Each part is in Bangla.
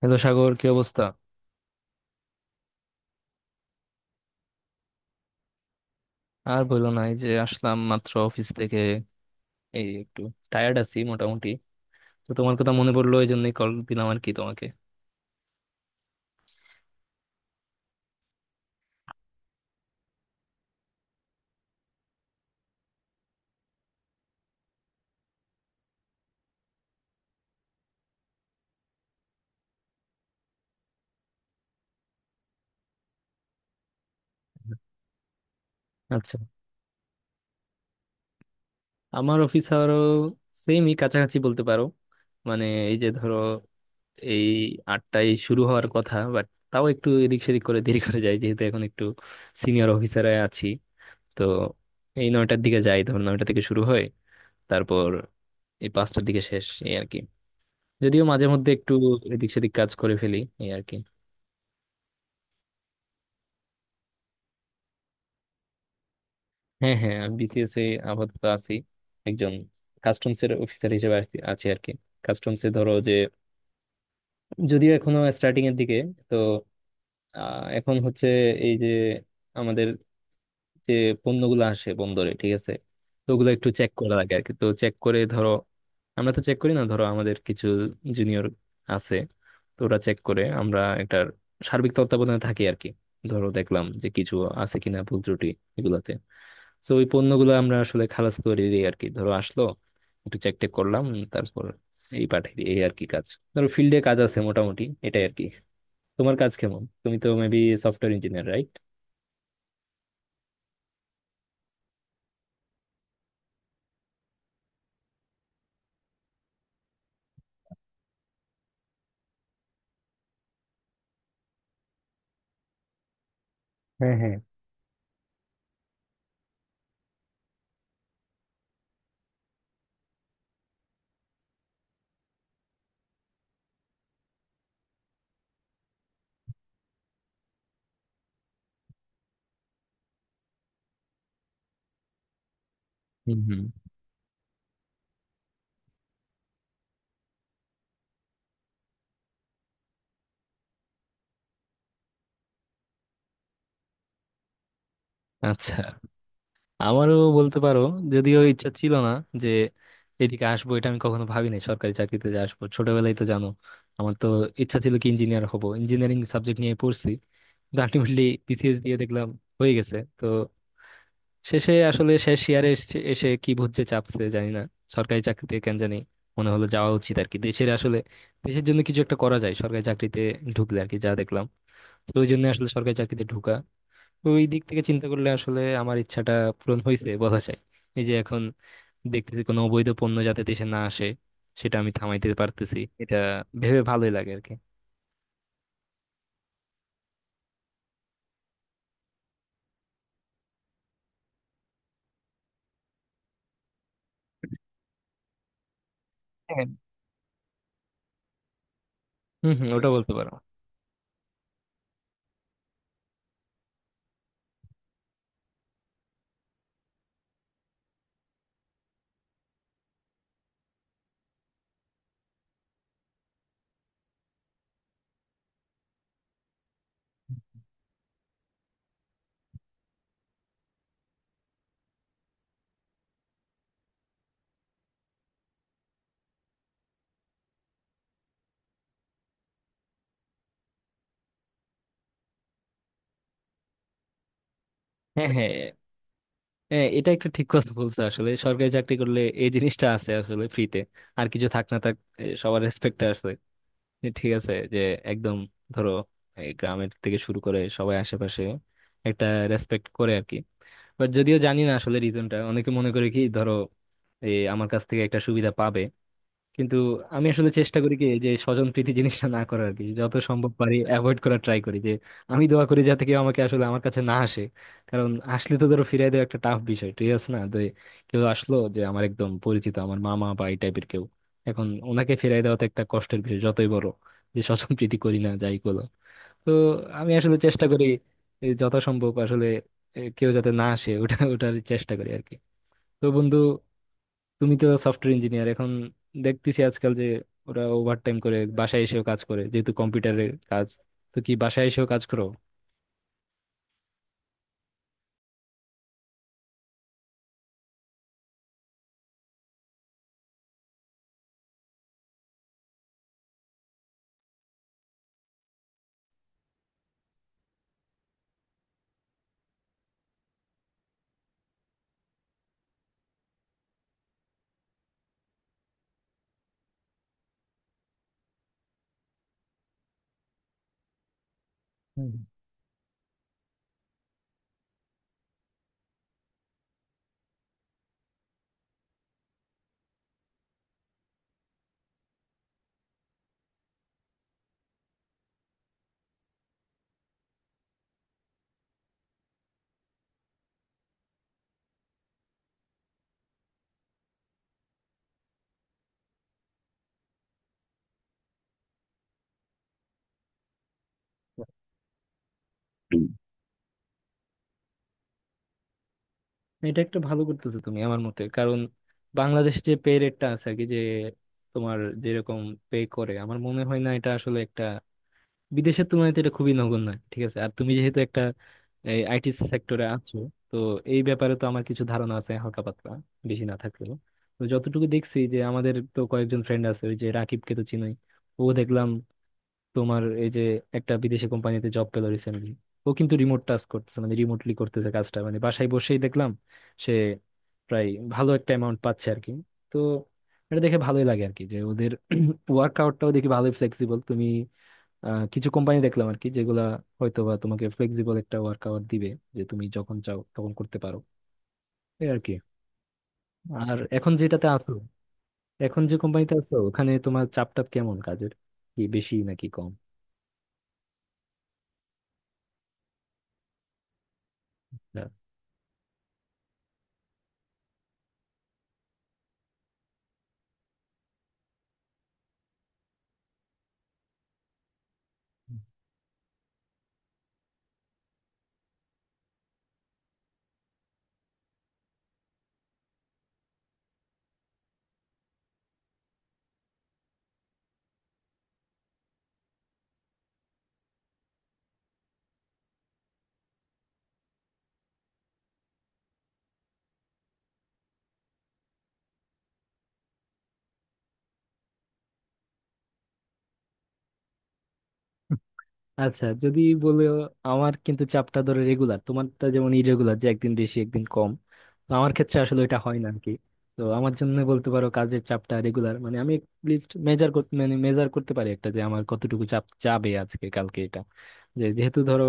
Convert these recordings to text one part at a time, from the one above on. হ্যালো সাগর, কি অবস্থা? আর বললো না, এই যে আসলাম মাত্র অফিস থেকে। এই একটু টায়ার্ড আছি মোটামুটি। তো তোমার কথা মনে পড়লো, এই জন্যই কল দিলাম আর কি তোমাকে। আচ্ছা, আমার অফিস আরো সেমই কাছাকাছি বলতে পারো। মানে, এই যে ধরো, এই 8টায় শুরু হওয়ার কথা, বাট তাও একটু এদিক সেদিক করে দেরি করে যায়, যেহেতু এখন একটু সিনিয়র অফিসারে আছি। তো এই 9টার দিকে যাই, ধরো 9টা থেকে শুরু হয়। তারপর এই 5টার দিকে শেষ, এই আর কি। যদিও মাঝে মধ্যে একটু এদিক সেদিক কাজ করে ফেলি, এই আর কি। হ্যাঁ, হ্যাঁ, আমি বিসিএস এ আপাতত আছি। একজন কাস্টমস এর অফিসার হিসেবে আছি আছি আর কি। কাস্টমস এ ধরো যে, যদিও এখনো স্টার্টিং এর দিকে। তো এখন হচ্ছে এই যে আমাদের যে পণ্যগুলো আসে বন্দরে, ঠিক আছে। তো ওগুলো একটু চেক করা লাগে আর কি, তো চেক করে ধরো, আমরা তো চেক করি না, ধরো আমাদের কিছু জুনিয়র আছে। তো ওরা চেক করে, আমরা একটা সার্বিক তত্ত্বাবধানে থাকি আর কি। ধরো দেখলাম যে কিছু আছে কিনা ভুল ত্রুটি এগুলাতে। তো ওই পণ্যগুলো আমরা আসলে খালাস করে দিই আর কি। ধরো আসলো, একটু চেক টেক করলাম, তারপর এই পাঠিয়ে দিই, এই আর কি কাজ। ধরো ফিল্ডে কাজ আছে, মোটামুটি এটাই আর কি। তোমার কাজ কেমন? তুমি তো মেবি সফটওয়্যার ইঞ্জিনিয়ার, রাইট? হ্যাঁ, হ্যাঁ। হুম, হুম। আচ্ছা, আমারও বলতে পারো, যদিও ইচ্ছা ছিল না যে এদিকে আসবো। এটা আমি কখনো ভাবিনি, সরকারি চাকরিতে যে আসবো। ছোটবেলায় তো জানো, আমার তো ইচ্ছা ছিল কি, ইঞ্জিনিয়ার হব, ইঞ্জিনিয়ারিং সাবজেক্ট নিয়ে পড়ছি। কিন্তু আলটিমেটলি বিসিএস দিয়ে দেখলাম হয়ে গেছে। তো শেষে আসলে শেষ ইয়ারে এসে এসে কি ভূত যে চাপছে জানি না, সরকারি চাকরিতে কেন জানি মনে হলো যাওয়া উচিত আর কি। দেশের আসলে দেশের জন্য কিছু একটা করা যায় সরকারি চাকরিতে ঢুকলে আর কি, যা দেখলাম। তো ওই জন্য আসলে সরকারি চাকরিতে ঢুকা। তো ওই দিক থেকে চিন্তা করলে আসলে আমার ইচ্ছাটা পূরণ হয়েছে বলা যায়। এই যে এখন দেখতেছি কোনো অবৈধ পণ্য যাতে দেশে না আসে, সেটা আমি থামাইতে পারতেছি। এটা ভেবে ভালোই লাগে আর কি। হ্যাঁ, হম, হম, ওটা বলতে পারো। হ্যাঁ, হ্যাঁ, হ্যাঁ, এটা একটা ঠিক কথা বলছো। আসলে সরকারি চাকরি করলে এই জিনিসটা আছে আসলে ফ্রিতে। আর কিছু থাক না থাক, সবার রেসপেক্ট আসলে, যে ঠিক আছে, যে একদম, ধরো এই গ্রামের থেকে শুরু করে সবাই আশেপাশে একটা রেসপেক্ট করে আর কি। বাট যদিও জানি না আসলে রিজনটা, অনেকে মনে করে কি ধরো, এই আমার কাছ থেকে একটা সুবিধা পাবে। কিন্তু আমি আসলে চেষ্টা করি কি যে স্বজন প্রীতি জিনিসটা না করার আর কি, যত সম্ভব পারি অ্যাভয়েড করার ট্রাই করি, যে আমি দোয়া করি যাতে কেউ আমাকে আসলে আমার কাছে না আসে। কারণ আসলে তো ধরো ফিরাই দেওয়া একটা টাফ বিষয়, ঠিক আছে না? তো কেউ আসলো যে আমার একদম পরিচিত, আমার মামা বা এই টাইপের কেউ, এখন ওনাকে ফিরাই দেওয়া তো একটা কষ্টের বিষয়, যতই বড় যে স্বজন প্রীতি করি না যাই করো। তো আমি আসলে চেষ্টা করি যত সম্ভব আসলে, কেউ যাতে না আসে, ওটা ওটার চেষ্টা করি আর কি। তো বন্ধু, তুমি তো সফটওয়্যার ইঞ্জিনিয়ার। এখন দেখতেছি আজকাল যে ওরা ওভারটাইম করে, বাসায় এসেও কাজ করে, যেহেতু কম্পিউটারের কাজ। তো কি বাসায় এসেও কাজ করো? হুম, হুম। হুম। এটা একটা ভালো করতেছো তুমি আমার মতে, কারণ বাংলাদেশে যে পে রেটটা আছে আর কি, যে তোমার যেরকম পে করে, আমার মনে হয় না এটা আসলে একটা, বিদেশের তুলনায় তো এটা খুবই নগণ্য, ঠিক আছে। আর তুমি যেহেতু একটা আইটি সেক্টরে আছো, তো এই ব্যাপারে তো আমার কিছু ধারণা আছে হালকা পাতলা, বেশি না থাকলেও। তো যতটুকু দেখছি, যে আমাদের তো কয়েকজন ফ্রেন্ড আছে, ওই যে রাকিবকে তো চিনোই, ও দেখলাম তোমার এই যে একটা বিদেশি কোম্পানিতে জব পেলো রিসেন্টলি। ও কিন্তু রিমোট টাস্ক করতেছে, মানে রিমোটলি করতেছে কাজটা, মানে বাসায় বসেই দেখলাম সে প্রায় ভালো একটা অ্যামাউন্ট পাচ্ছে আর কি। তো এটা দেখে ভালোই লাগে আর কি, যে ওদের ওয়ার্ক আউটটাও দেখি ভালোই ফ্লেক্সিবল। তুমি কিছু কোম্পানি দেখলাম আর কি, যেগুলা হয়তো বা তোমাকে ফ্লেক্সিবল একটা ওয়ার্ক আওয়ার দিবে, যে তুমি যখন চাও তখন করতে পারো, এই আর কি। আর এখন যেটাতে আছো, এখন যে কোম্পানিতে আছো ওখানে তোমার চাপ টাপ কেমন কাজের? কি বেশি নাকি কম? আচ্ছা, যদি বলে, আমার কিন্তু চাপটা ধরো রেগুলার, তোমারটা যেমন ইরেগুলার, যে একদিন বেশি একদিন কম, তো আমার ক্ষেত্রে আসলে এটা হয় না আর কি। তো আমার জন্য বলতে পারো কাজের চাপটা রেগুলার। মানে আমি লিস্ট মেজার করতে, মানে মেজার করতে পারি একটা, যে আমার কতটুকু চাপ যাবে আজকে কালকে এটা, যে যেহেতু ধরো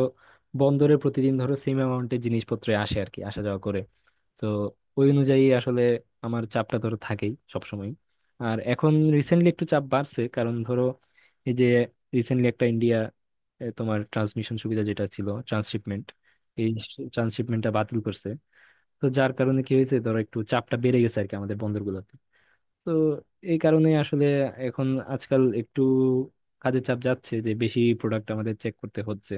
বন্দরে প্রতিদিন ধরো সেম অ্যামাউন্টের জিনিসপত্র আসে আর কি, আসা যাওয়া করে। তো ওই অনুযায়ী আসলে আমার চাপটা ধরো থাকেই সবসময়। আর এখন রিসেন্টলি একটু চাপ বাড়ছে, কারণ ধরো এই যে রিসেন্টলি একটা ইন্ডিয়া, তোমার ট্রান্সমিশন সুবিধা যেটা ছিল, ট্রান্সশিপমেন্ট, এই ট্রান্সশিপমেন্টটা বাতিল করছে। তো যার কারণে কি হয়েছে ধরো, একটু চাপটা বেড়ে গেছে আর কি আমাদের বন্দরগুলোতে। তো এই কারণে আসলে এখন আজকাল একটু কাজের চাপ যাচ্ছে, যে বেশি প্রোডাক্ট আমাদের চেক করতে হচ্ছে।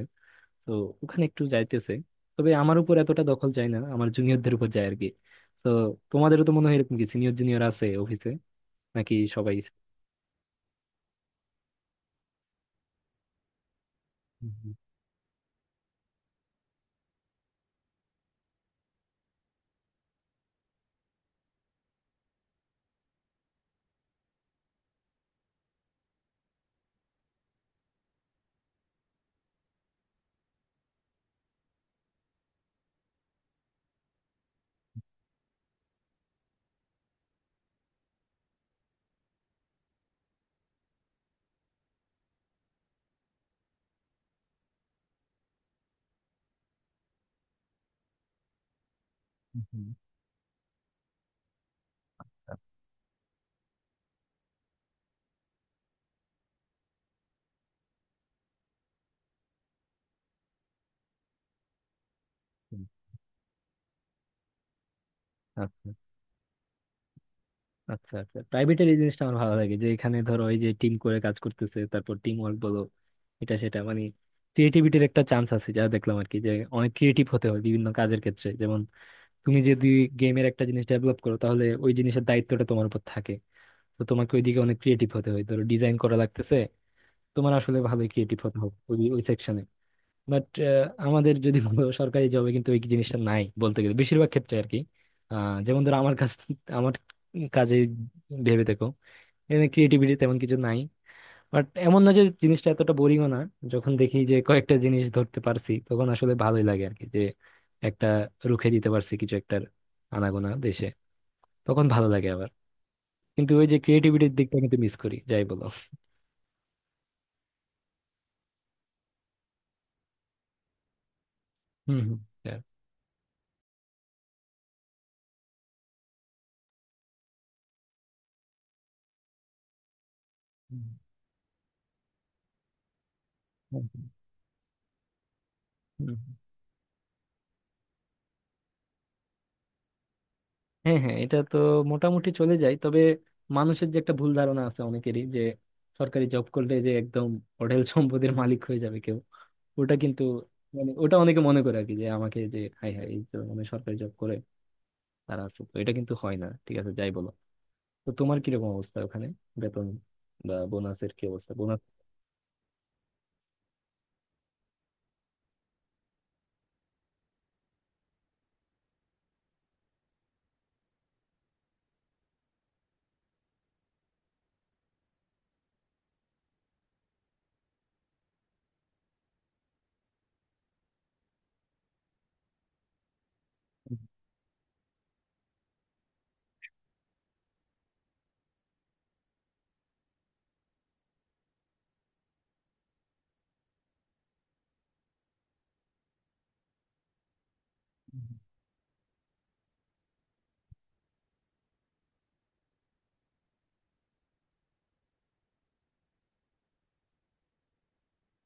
তো ওখানে একটু যাইতেছে, তবে আমার উপর এতটা দখল যায় না, আমার জুনিয়রদের উপর যায় আর কি। তো তোমাদেরও তো মনে হয় এরকম কি, সিনিয়র জুনিয়র আছে অফিসে, নাকি সবাই? হুম, হুম, হুম। আচ্ছা, আচ্ছা, আচ্ছা। প্রাইভেটের এই জিনিসটা আমার ভালো লাগে, যে এখানে ধরো ওই যে টিম করে কাজ করতেছে, তারপর টিম ওয়ার্ক বলো এটা সেটা, মানে ক্রিয়েটিভিটির একটা চান্স আছে যা দেখলাম আর কি, যে অনেক ক্রিয়েটিভ হতে হয় বিভিন্ন কাজের ক্ষেত্রে। যেমন তুমি যদি গেমের একটা জিনিস ডেভেলপ করো, তাহলে ওই জিনিসের দায়িত্বটা তোমার উপর থাকে। তো তোমাকে ওইদিকে অনেক ক্রিয়েটিভ হতে হয়। ধরো ডিজাইন করা লাগতেছে, তোমার আসলে ভালোই ক্রিয়েটিভ হতে হবে ওই ওই সেকশনে। বাট আমাদের যদি বলো, সরকারি জবে কিন্তু ওই জিনিসটা নাই বলতে গেলে বেশিরভাগ ক্ষেত্রে আর কি। যেমন ধরো আমার কাজ, আমার কাজে ভেবে দেখো, এখানে ক্রিয়েটিভিটি তেমন কিছু নাই। বাট এমন না যে জিনিসটা এতটা বোরিংও না। যখন দেখি যে কয়েকটা জিনিস ধরতে পারছি, তখন আসলে ভালোই লাগে আর কি, যে একটা রুখে দিতে পারছি কিছু একটা আনাগোনা দেশে, তখন ভালো লাগে আবার। কিন্তু ওই যে ক্রিয়েটিভিটির দিকটা কিন্তু মিস করি, যাই বলো। হম, হম, হ্যাঁ, হ্যাঁ, এটা তো মোটামুটি চলে যায়। তবে মানুষের যে একটা ভুল ধারণা আছে অনেকেরই, যে সরকারি জব করলে যে একদম হোটেল সম্পদের মালিক হয়ে যাবে কেউ, ওটা কিন্তু, মানে ওটা অনেকে মনে করে আর কি, যে আমাকে যে হাই হাই এই তো, মানে সরকারি জব করে তারা আছে তো, এটা কিন্তু হয় না, ঠিক আছে যাই বলো। তো তোমার কিরকম অবস্থা ওখানে? বেতন বা বোনাসের কি অবস্থা? বোনাস?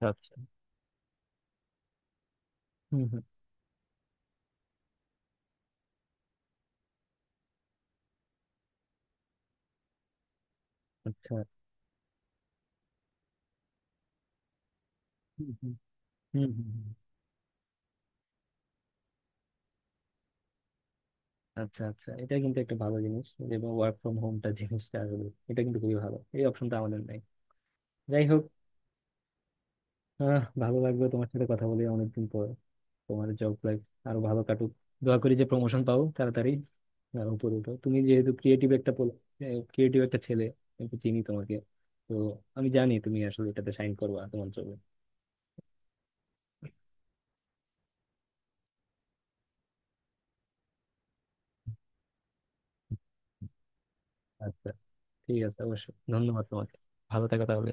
আচ্ছা। হুম, হুম। আচ্ছা। হুম, হুম, হুম, হুম, হুম। আচ্ছা, আচ্ছা, এটা কিন্তু একটা ভালো জিনিস, যে ওয়ার্ক ফ্রম হোমটা জিনিসটা আসলে এটা কিন্তু খুবই ভালো, এই অপশনটা আমাদের নাই, যাই হোক। ভালো লাগবে তোমার সাথে কথা বলে অনেকদিন পর। তোমার জব লাইফ আরো ভালো কাটুক, দোয়া করি যে প্রমোশন পাও তাড়াতাড়ি, আর উপরে উঠো। তুমি যেহেতু ক্রিয়েটিভ একটা ছেলে, আমি তো চিনি তোমাকে। তো আমি জানি তুমি আসলে এটাতে সাইন করবা তোমার জন্য। আচ্ছা। ঠিক আছে, অবশ্যই ধন্যবাদ তোমাকে। ভালো থাকো তাহলে।